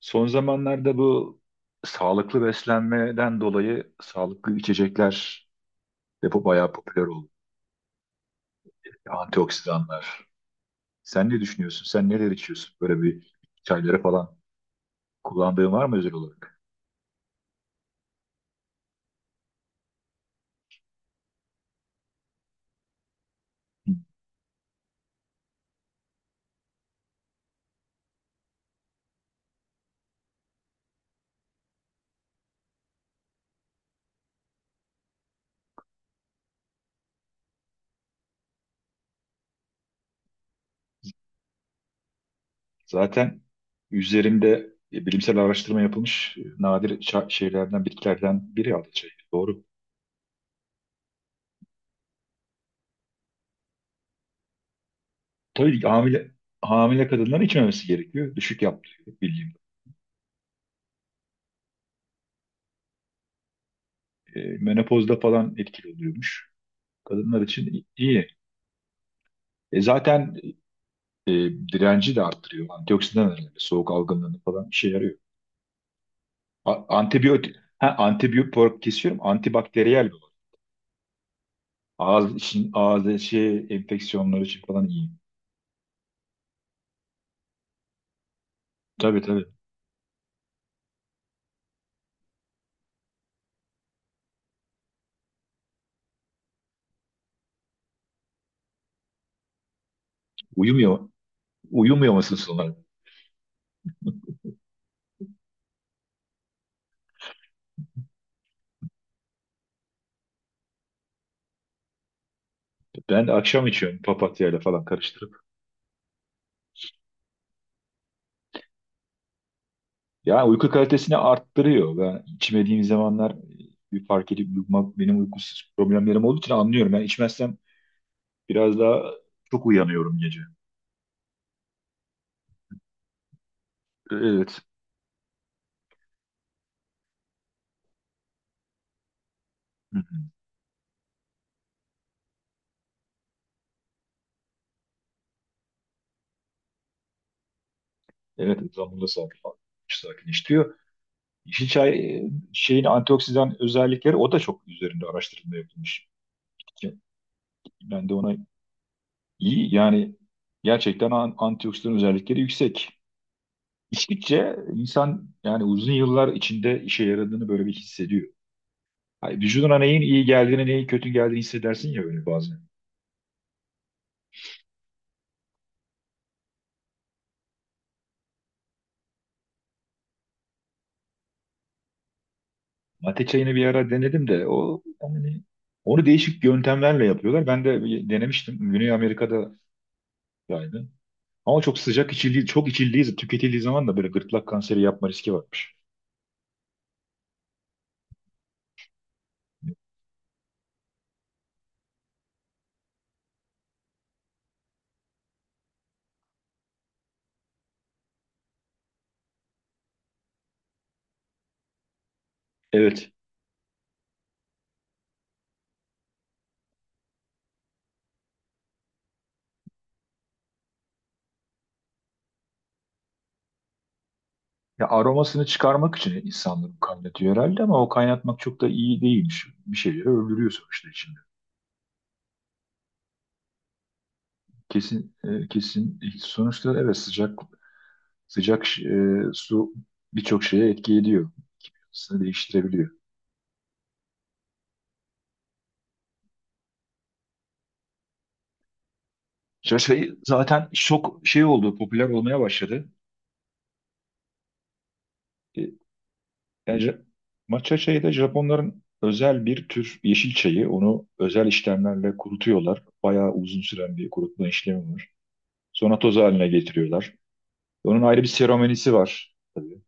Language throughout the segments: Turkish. Son zamanlarda bu sağlıklı beslenmeden dolayı sağlıklı içecekler de bayağı popüler oldu. Antioksidanlar. Sen ne düşünüyorsun? Sen neler içiyorsun? Böyle bir çayları falan kullandığın var mı özel olarak? Hı. Zaten üzerinde bilimsel araştırma yapılmış, nadir şeylerden, bitkilerden biri aldı çayı. Doğru. Tabii ki hamile kadınların içmemesi gerekiyor. Düşük yaptırıyor bildiğim. Menopozda falan etkili oluyormuş. Kadınlar için iyi. E zaten e, Direnci de arttırıyor. Antioksidan önemli. Soğuk algınlığını falan işe yarıyor. Antibiyotik olarak kesiyorum. Antibakteriyel bir olarak. Ağız enfeksiyonları için falan iyi. Tabii tabii. Uyumuyor. Uyumuyor musun sonra? Ben de akşam içiyorum papatyayla falan karıştırıp. Yani uyku kalitesini arttırıyor. Ben içmediğim zamanlar bir fark edip uyumak benim uykusuz problemlerim olduğu için anlıyorum. Ben içmezsem biraz daha çok uyanıyorum gece. Evet. Evet, zamanında sakinleştiriyor. Yeşil çay e, şeyin antioksidan özellikleri o da çok üzerinde araştırma yapılmış. Ki ben de ona iyi yani gerçekten antioksidan özellikleri yüksek. İçtikçe insan yani uzun yıllar içinde işe yaradığını böyle bir hissediyor. Hani vücuduna neyin iyi geldiğini, neyin kötü geldiğini hissedersin ya böyle bazen. Mate çayını bir ara denedim de o yani onu değişik yöntemlerle yapıyorlar. Ben de bir denemiştim. Güney Amerika'da yaydı. Ama çok sıcak içildiği, çok içildiği, tüketildiği zaman da böyle gırtlak kanseri yapma riski varmış. Evet. Ya aromasını çıkarmak için insanların kaynatıyor herhalde ama o kaynatmak çok da iyi değilmiş. Bir şeyleri öldürüyor sonuçta içinde. Kesin, sonuçta evet sıcak sıcak su birçok şeye etki ediyor. Yapısını değiştirebiliyor. Zaten çok şey oldu, popüler olmaya başladı. Yani, matcha çayı da Japonların özel bir tür yeşil çayı. Onu özel işlemlerle kurutuyorlar. Bayağı uzun süren bir kurutma işlemi var. Sonra toz haline getiriyorlar. Onun ayrı bir seremonisi var tabii.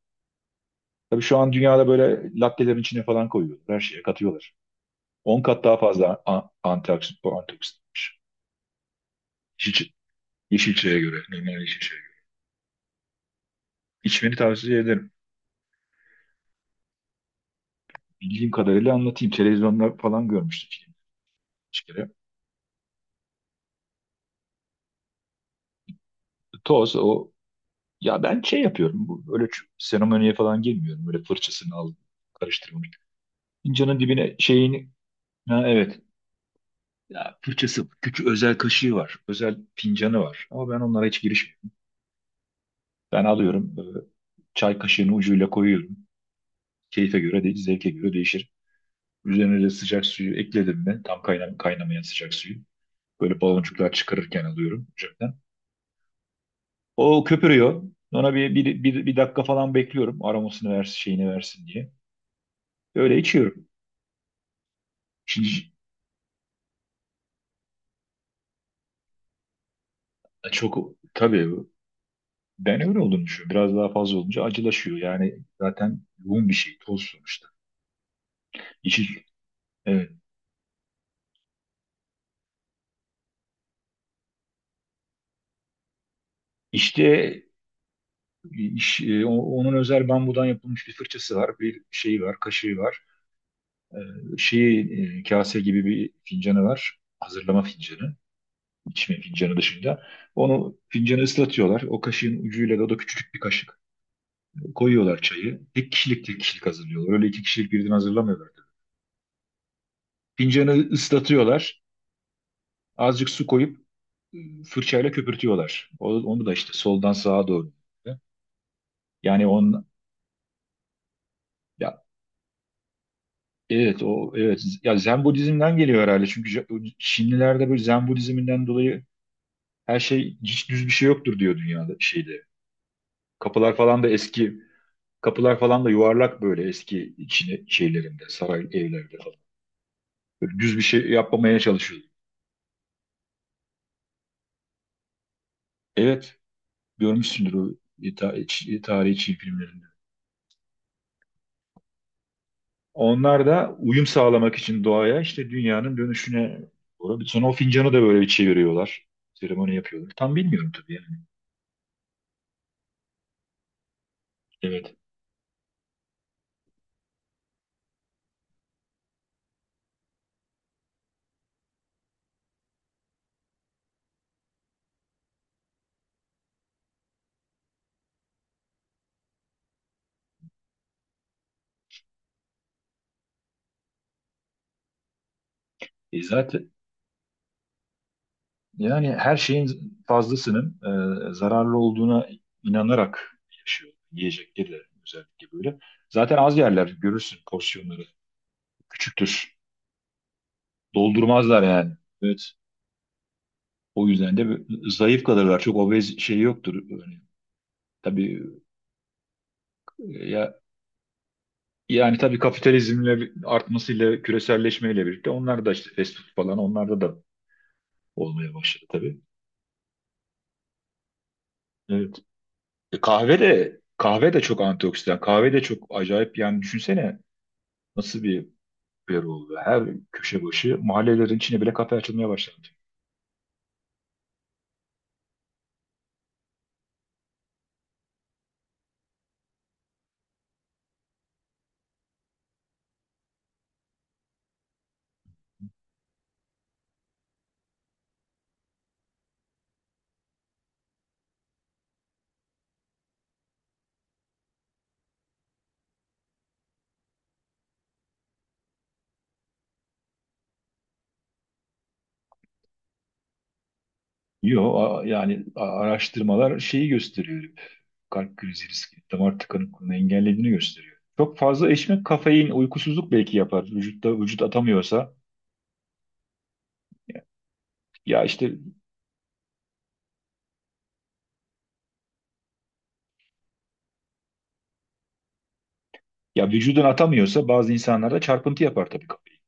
Tabii şu an dünyada böyle lattelerin içine falan koyuyorlar. Her şeye katıyorlar. 10 kat daha fazla antioksidan, bu antioksidanmış. Yeşil, yeşil çaya göre, normal yeşil çaya göre. İçmeni tavsiye ederim. Bildiğim kadarıyla anlatayım. Televizyonda falan görmüştüm filmi. Bir kere. Toz, o Ya ben şey yapıyorum. Bu, öyle seremoniye falan girmiyorum. Böyle fırçasını al, karıştırmalık. Fincanın dibine şeyini... Ha, evet. Ya fırçası, küçük özel kaşığı var. Özel fincanı var. Ama ben onlara hiç girişmiyorum. Ben alıyorum. Çay kaşığını ucuyla koyuyorum. Keyfe göre değil, zevke göre değişir. Üzerine de sıcak suyu ekledim mi? Tam kaynamayan sıcak suyu. Böyle baloncuklar çıkarırken alıyorum ocaktan. O köpürüyor. Ona bir dakika falan bekliyorum. Aromasını versin, şeyini versin diye. Öyle içiyorum. Şimdi Çok tabii ben öyle olduğunu düşünüyorum. Biraz daha fazla olunca acılaşıyor. Yani zaten yoğun bir şey toz sonuçta. İçi, evet. İşte onun özel bambudan yapılmış bir fırçası var, bir şeyi var, kaşığı var. E, Kase gibi bir fincanı var. Hazırlama fincanı, içme fincanı dışında. Onu, fincanı, ıslatıyorlar. O kaşığın ucuyla da o da küçücük bir kaşık. Koyuyorlar çayı. Tek kişilik tek kişilik hazırlıyorlar. Öyle iki kişilik birden hazırlamıyorlar. Tabii. Fincanı ıslatıyorlar. Azıcık su koyup fırçayla köpürtüyorlar. Onu da işte soldan sağa doğru. Yani ya evet evet ya Zen Budizm'den geliyor herhalde. Çünkü Çinlilerde böyle Zen Budizm'inden dolayı her şey hiç düz bir şey yoktur diyor dünyada şeyde. Kapılar falan da eski kapılar falan da yuvarlak böyle eski Çin şeylerinde saray evlerde falan. Böyle düz bir şey yapmamaya çalışıyor. Evet, görmüşsündür o e, ta- e, Çin- tarihi Çin filmlerinde. Onlar da uyum sağlamak için doğaya işte dünyanın dönüşüne doğru. Sonra o fincanı da böyle bir çeviriyorlar. Seremoni yapıyorlar. Tam bilmiyorum tabii yani. Evet. Zaten yani her şeyin fazlasının zararlı olduğuna inanarak yaşıyor. Yiyecekleri de özellikle böyle. Zaten az yerler görürsün porsiyonları. Küçüktür. Doldurmazlar yani. Evet. O yüzden de zayıf kalırlar. Çok obez şey yoktur. Tabii e, ya Yani tabii kapitalizmle artmasıyla, küreselleşmeyle birlikte onlar da işte fast food falan onlarda da olmaya başladı tabii. Evet. Kahve de çok antioksidan. Kahve de çok acayip yani düşünsene nasıl bir yer oldu. Her köşe başı mahallelerin içine bile kafe açılmaya başlandı. Yo, yani araştırmalar şeyi gösteriyor. Kalp krizi riski, damar tıkanıklığını engellediğini gösteriyor. Çok fazla içmek kafein, uykusuzluk belki yapar. Vücut atamıyorsa. Ya işte Ya vücudun atamıyorsa bazı insanlarda çarpıntı yapar tabii kafayı.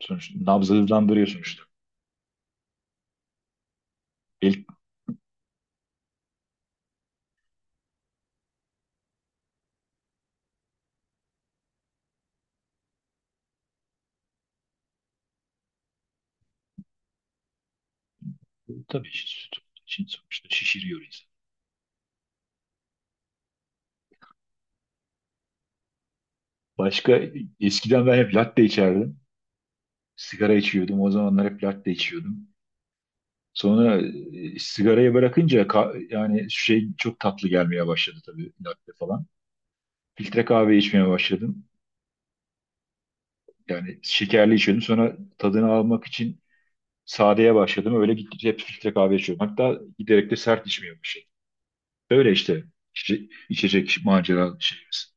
Sonuçta nabzı hızlandırıyor sonuçta. El, tabii için sonuçta şişiriyor insan. Başka Eskiden ben hep latte içerdim. Sigara içiyordum. O zamanlar hep latte içiyordum. Sonra sigarayı bırakınca yani şey çok tatlı gelmeye başladı tabii latte falan. Filtre kahve içmeye başladım. Yani şekerli içiyordum. Sonra tadını almak için sadeye başladım. Öyle gittikçe hep filtre kahve içiyorum. Hatta giderek de sert içmeye başladım. Öyle işte içecek macera şeyimiz.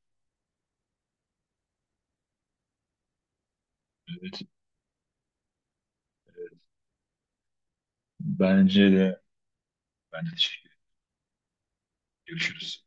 Evet, bence de ben de teşekkür ederim. Görüşürüz.